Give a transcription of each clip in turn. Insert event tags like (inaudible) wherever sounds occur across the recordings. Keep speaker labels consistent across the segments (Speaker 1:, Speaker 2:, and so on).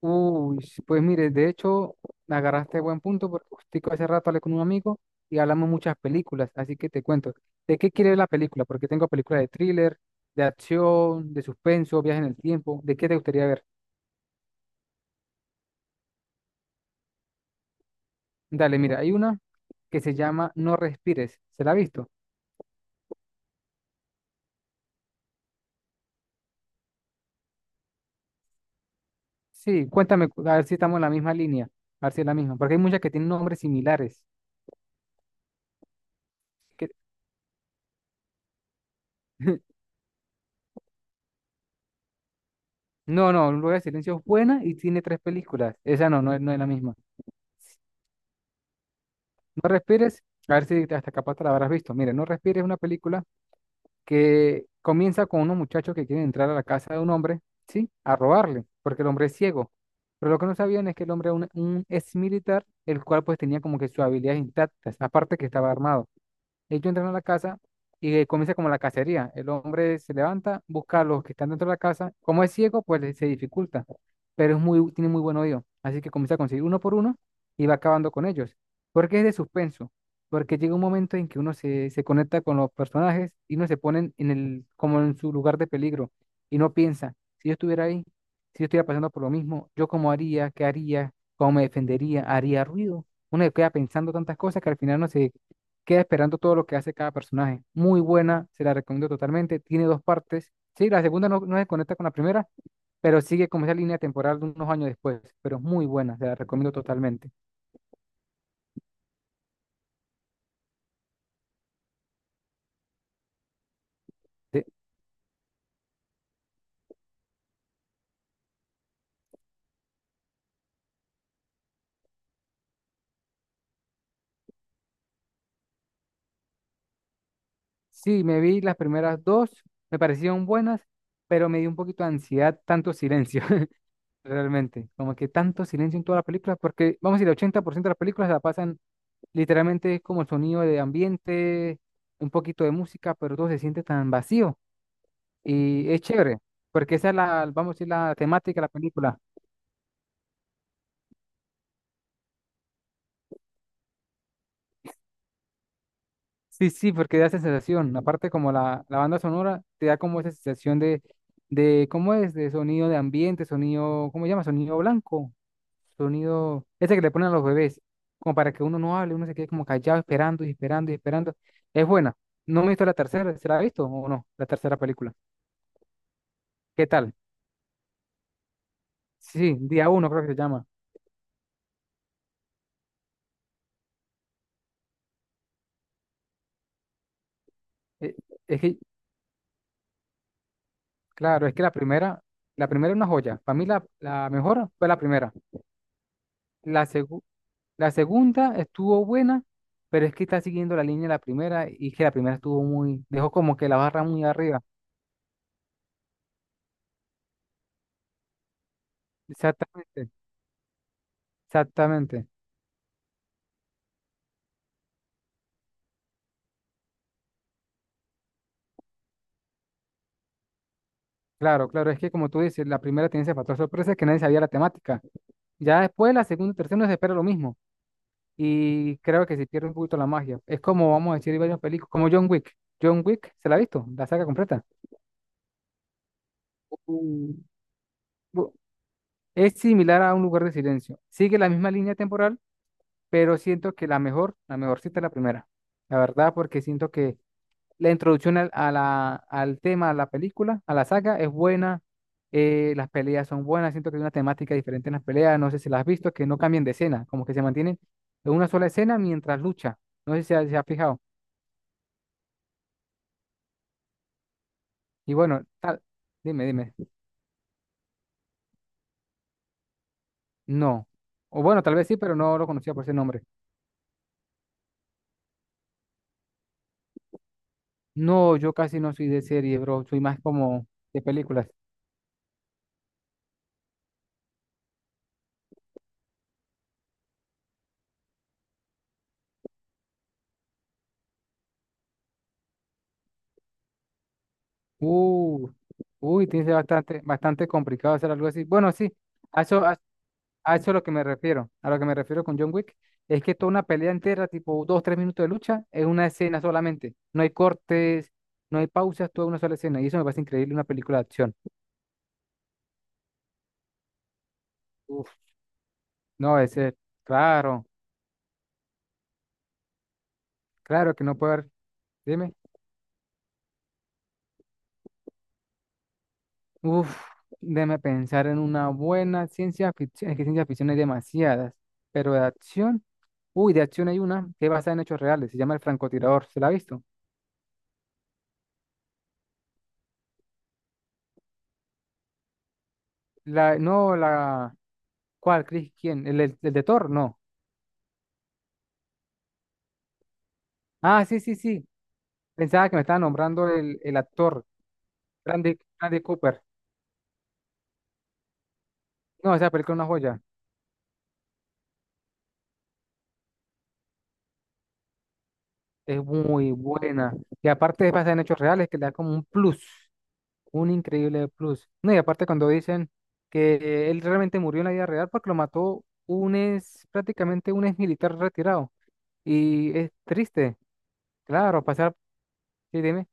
Speaker 1: Uy, sí, pues mire, de hecho, agarraste buen punto porque justico hace rato hablé con un amigo y hablamos muchas películas, así que te cuento. ¿De qué quiere la película? Porque tengo películas de thriller, de acción, de suspenso, viaje en el tiempo. ¿De qué te gustaría ver? Dale, mira, hay una que se llama No respires. ¿Se la ha visto? Sí, cuéntame, a ver si estamos en la misma línea, a ver si es la misma, porque hay muchas que tienen nombres similares. que- (laughs) No, no, Lugar de Silencio es buena y tiene tres películas. Esa no, no es la misma. No respires, a ver si hasta capaz te la habrás visto. Mire, No respires es una película que comienza con unos muchachos que quieren entrar a la casa de un hombre, ¿sí? A robarle, porque el hombre es ciego. Pero lo que no sabían es que el hombre era un ex militar, el cual pues tenía como que sus habilidades intactas, aparte que estaba armado. Ellos entran a la casa y comienza como la cacería. El hombre se levanta, busca a los que están dentro de la casa. Como es ciego, pues se dificulta, pero es muy, tiene muy buen oído. Así que comienza a conseguir uno por uno y va acabando con ellos. Porque es de suspenso, porque llega un momento en que uno se conecta con los personajes y uno se pone en el, como en su lugar de peligro y no piensa, si yo estuviera ahí, si yo estuviera pasando por lo mismo, yo cómo haría, qué haría, cómo me defendería, haría ruido. Uno se queda pensando tantas cosas que al final no se queda esperando todo lo que hace cada personaje. Muy buena, se la recomiendo totalmente. Tiene dos partes. Sí, la segunda no, no se conecta con la primera, pero sigue como esa línea temporal de unos años después. Pero es muy buena, se la recomiendo totalmente. De- sí, me vi las primeras dos, me parecieron buenas, pero me dio un poquito de ansiedad tanto silencio, (laughs) realmente. Como que tanto silencio en toda la película, porque vamos a decir, el 80% de las películas la pasan literalmente es como el sonido de ambiente, un poquito de música, pero todo se siente tan vacío. Y es chévere, porque esa es la, vamos a decir, la temática de la película. Sí, sí, porque da esa sensación. Aparte, como la banda sonora, te da como esa sensación de, ¿cómo es? De sonido de ambiente, sonido, ¿cómo se llama? Sonido blanco, sonido, ese que le ponen a los bebés, como para que uno no hable, uno se quede como callado, esperando y esperando y esperando. Es buena. No me he visto la tercera, ¿se la ha visto o no? La tercera película. ¿Qué tal? Sí, día uno creo que se llama. Eh, Es que Claro, es que la primera es una joya. Para mí la mejor fue la primera. La, segu- la segunda estuvo buena, pero es que está siguiendo la línea de la primera y que la primera estuvo muy, dejó como que la barra muy arriba. Exactamente, exactamente. Claro, claro, es que como tú dices, la primera tiene ese factor sorpresa que nadie sabía la temática. Ya después la segunda y tercera no se espera lo mismo. Y creo que se pierde un poquito la magia. Es como, vamos a decir, hay varias películas, como John Wick. John Wick, ¿se la ha visto? La saga completa. Uh, Bu- Es similar a un lugar de silencio. Sigue la misma línea temporal, pero siento que la mejor, la mejorcita es la primera. La verdad, porque siento que la introducción al tema, a la película, a la saga, es buena. Las peleas son buenas. Siento que hay una temática diferente en las peleas. No sé si las has visto, que no cambian de escena, como que se mantienen en una sola escena mientras lucha. No sé si se ha fijado. Y bueno, tal, dime. No. O bueno, tal vez sí, pero no lo conocía por ese nombre. No, yo casi no soy de serie, bro. Soy más como de películas. Uh, uy, tiene que ser bastante complicado hacer algo así. Bueno, sí, a eso, a, a eso es lo que me refiero. A lo que me refiero con John Wick es que toda una pelea entera, tipo dos, 3 minutos de lucha, es una escena solamente. No hay cortes, no hay pausas, toda una sola escena. Y eso me parece increíble, en una película de acción. Uf, no, ese, claro, claro que no puede haber. Dime. Uf, déjame pensar en una buena ciencia ficción. Es que ciencia ficción hay demasiadas, pero de acción. Uy, de acción hay una que es basada en hechos reales. Se llama El francotirador. ¿Se la ha visto? La, no, la. ¿Cuál, Chris? ¿Quién? ¿El de Thor? No. Ah, sí, sí, sí. Pensaba que me estaba nombrando el actor, Randy Cooper. No, esa película es una joya. Es muy buena. Y aparte es basada en hechos reales que le da como un plus. Un increíble plus. No, y aparte cuando dicen que él realmente murió en la vida real porque lo mató un ex, prácticamente un ex militar retirado. Y es triste, claro, pasar, sí, dime.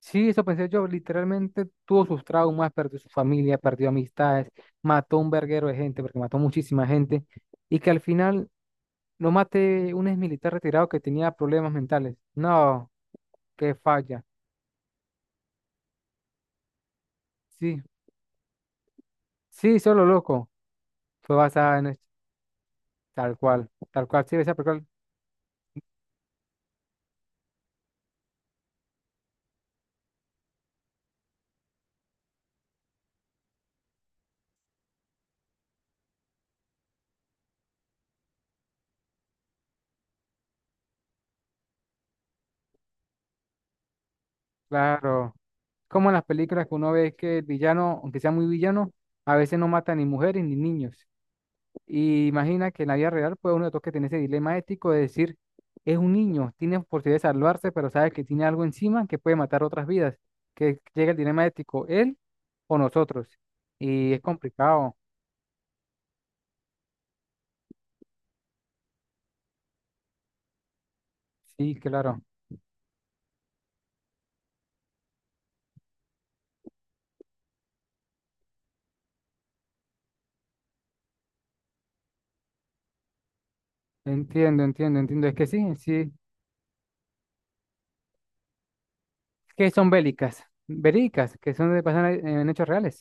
Speaker 1: Sí, eso pensé yo, literalmente tuvo sus traumas, perdió su familia, perdió amistades, mató un verguero de gente, porque mató muchísima gente, y que al final lo mate un ex militar retirado que tenía problemas mentales. No, qué falla. Sí, sí, solo loco. Fue basada en esto, tal cual, sí, esa película. Claro. Como en las películas que uno ve que el villano, aunque sea muy villano, a veces no mata ni mujeres ni niños. Y imagina que en la vida real, pues uno toca tener ese dilema ético de decir, es un niño, tiene posibilidad de salvarse, pero sabe que tiene algo encima que puede matar otras vidas. Que llega el dilema ético, él o nosotros. Y es complicado. Sí, claro. Entiendo, entiendo, entiendo. Es que sí, sí. Que son bélicas, bélicas que son de pasan en hechos reales.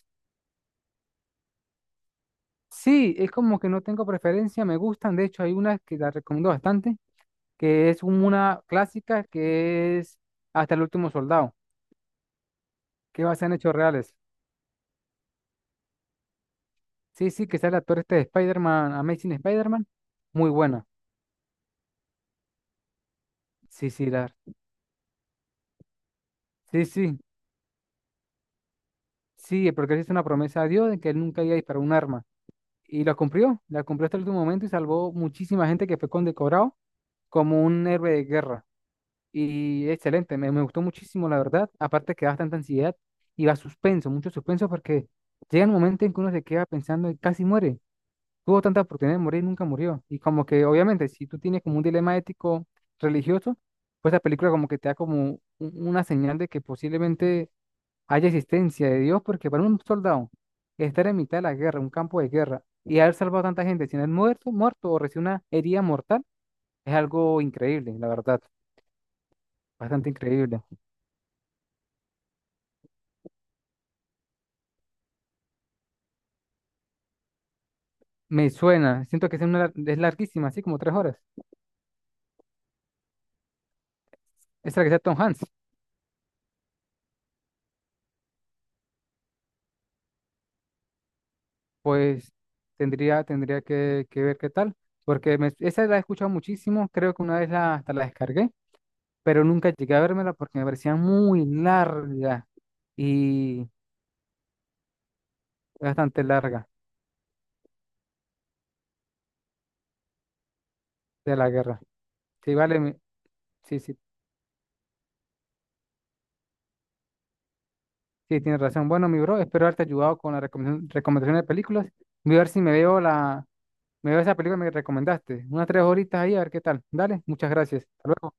Speaker 1: Sí, es como que no tengo preferencia, me gustan. De hecho, hay una que la recomiendo bastante, que es una clásica que es Hasta el último soldado, que basa en hechos reales. Sí, sí, que sale el actor este de Spider-Man, Amazing Spider-Man. Muy buena. Sí, sí, la, sí, sí, sí, porque él hizo una promesa a Dios de que él nunca iba a disparar un arma. Y la cumplió hasta el último momento y salvó muchísima gente que fue condecorado como un héroe de guerra. Y excelente, me gustó muchísimo, la verdad. Aparte que da bastante ansiedad y va suspenso, mucho suspenso porque llega un momento en que uno se queda pensando y casi muere. Tuvo tanta oportunidad de morir, y nunca murió. Y como que obviamente si tú tienes como un dilema ético religioso, pues la película como que te da como una señal de que posiblemente haya existencia de Dios, porque para un soldado estar en mitad de la guerra, un campo de guerra, y haber salvado a tanta gente sin haber muerto, o recibir una herida mortal, es algo increíble, la verdad, bastante increíble. Me suena, siento que es, es larguísima, así como 3 horas. Esa que sea Tom Hanks, pues que ver qué tal, porque esa la he escuchado muchísimo, creo que una vez la, hasta la descargué, pero nunca llegué a vérmela porque me parecía muy larga y bastante larga de la guerra. Sí, vale, sí, sí, sí, tienes razón. Bueno, mi bro, espero haberte ayudado con la recomendación de películas. Voy a ver si me veo esa película que me recomendaste. Unas 3 horitas ahí, a ver qué tal. Dale, muchas gracias. Hasta luego.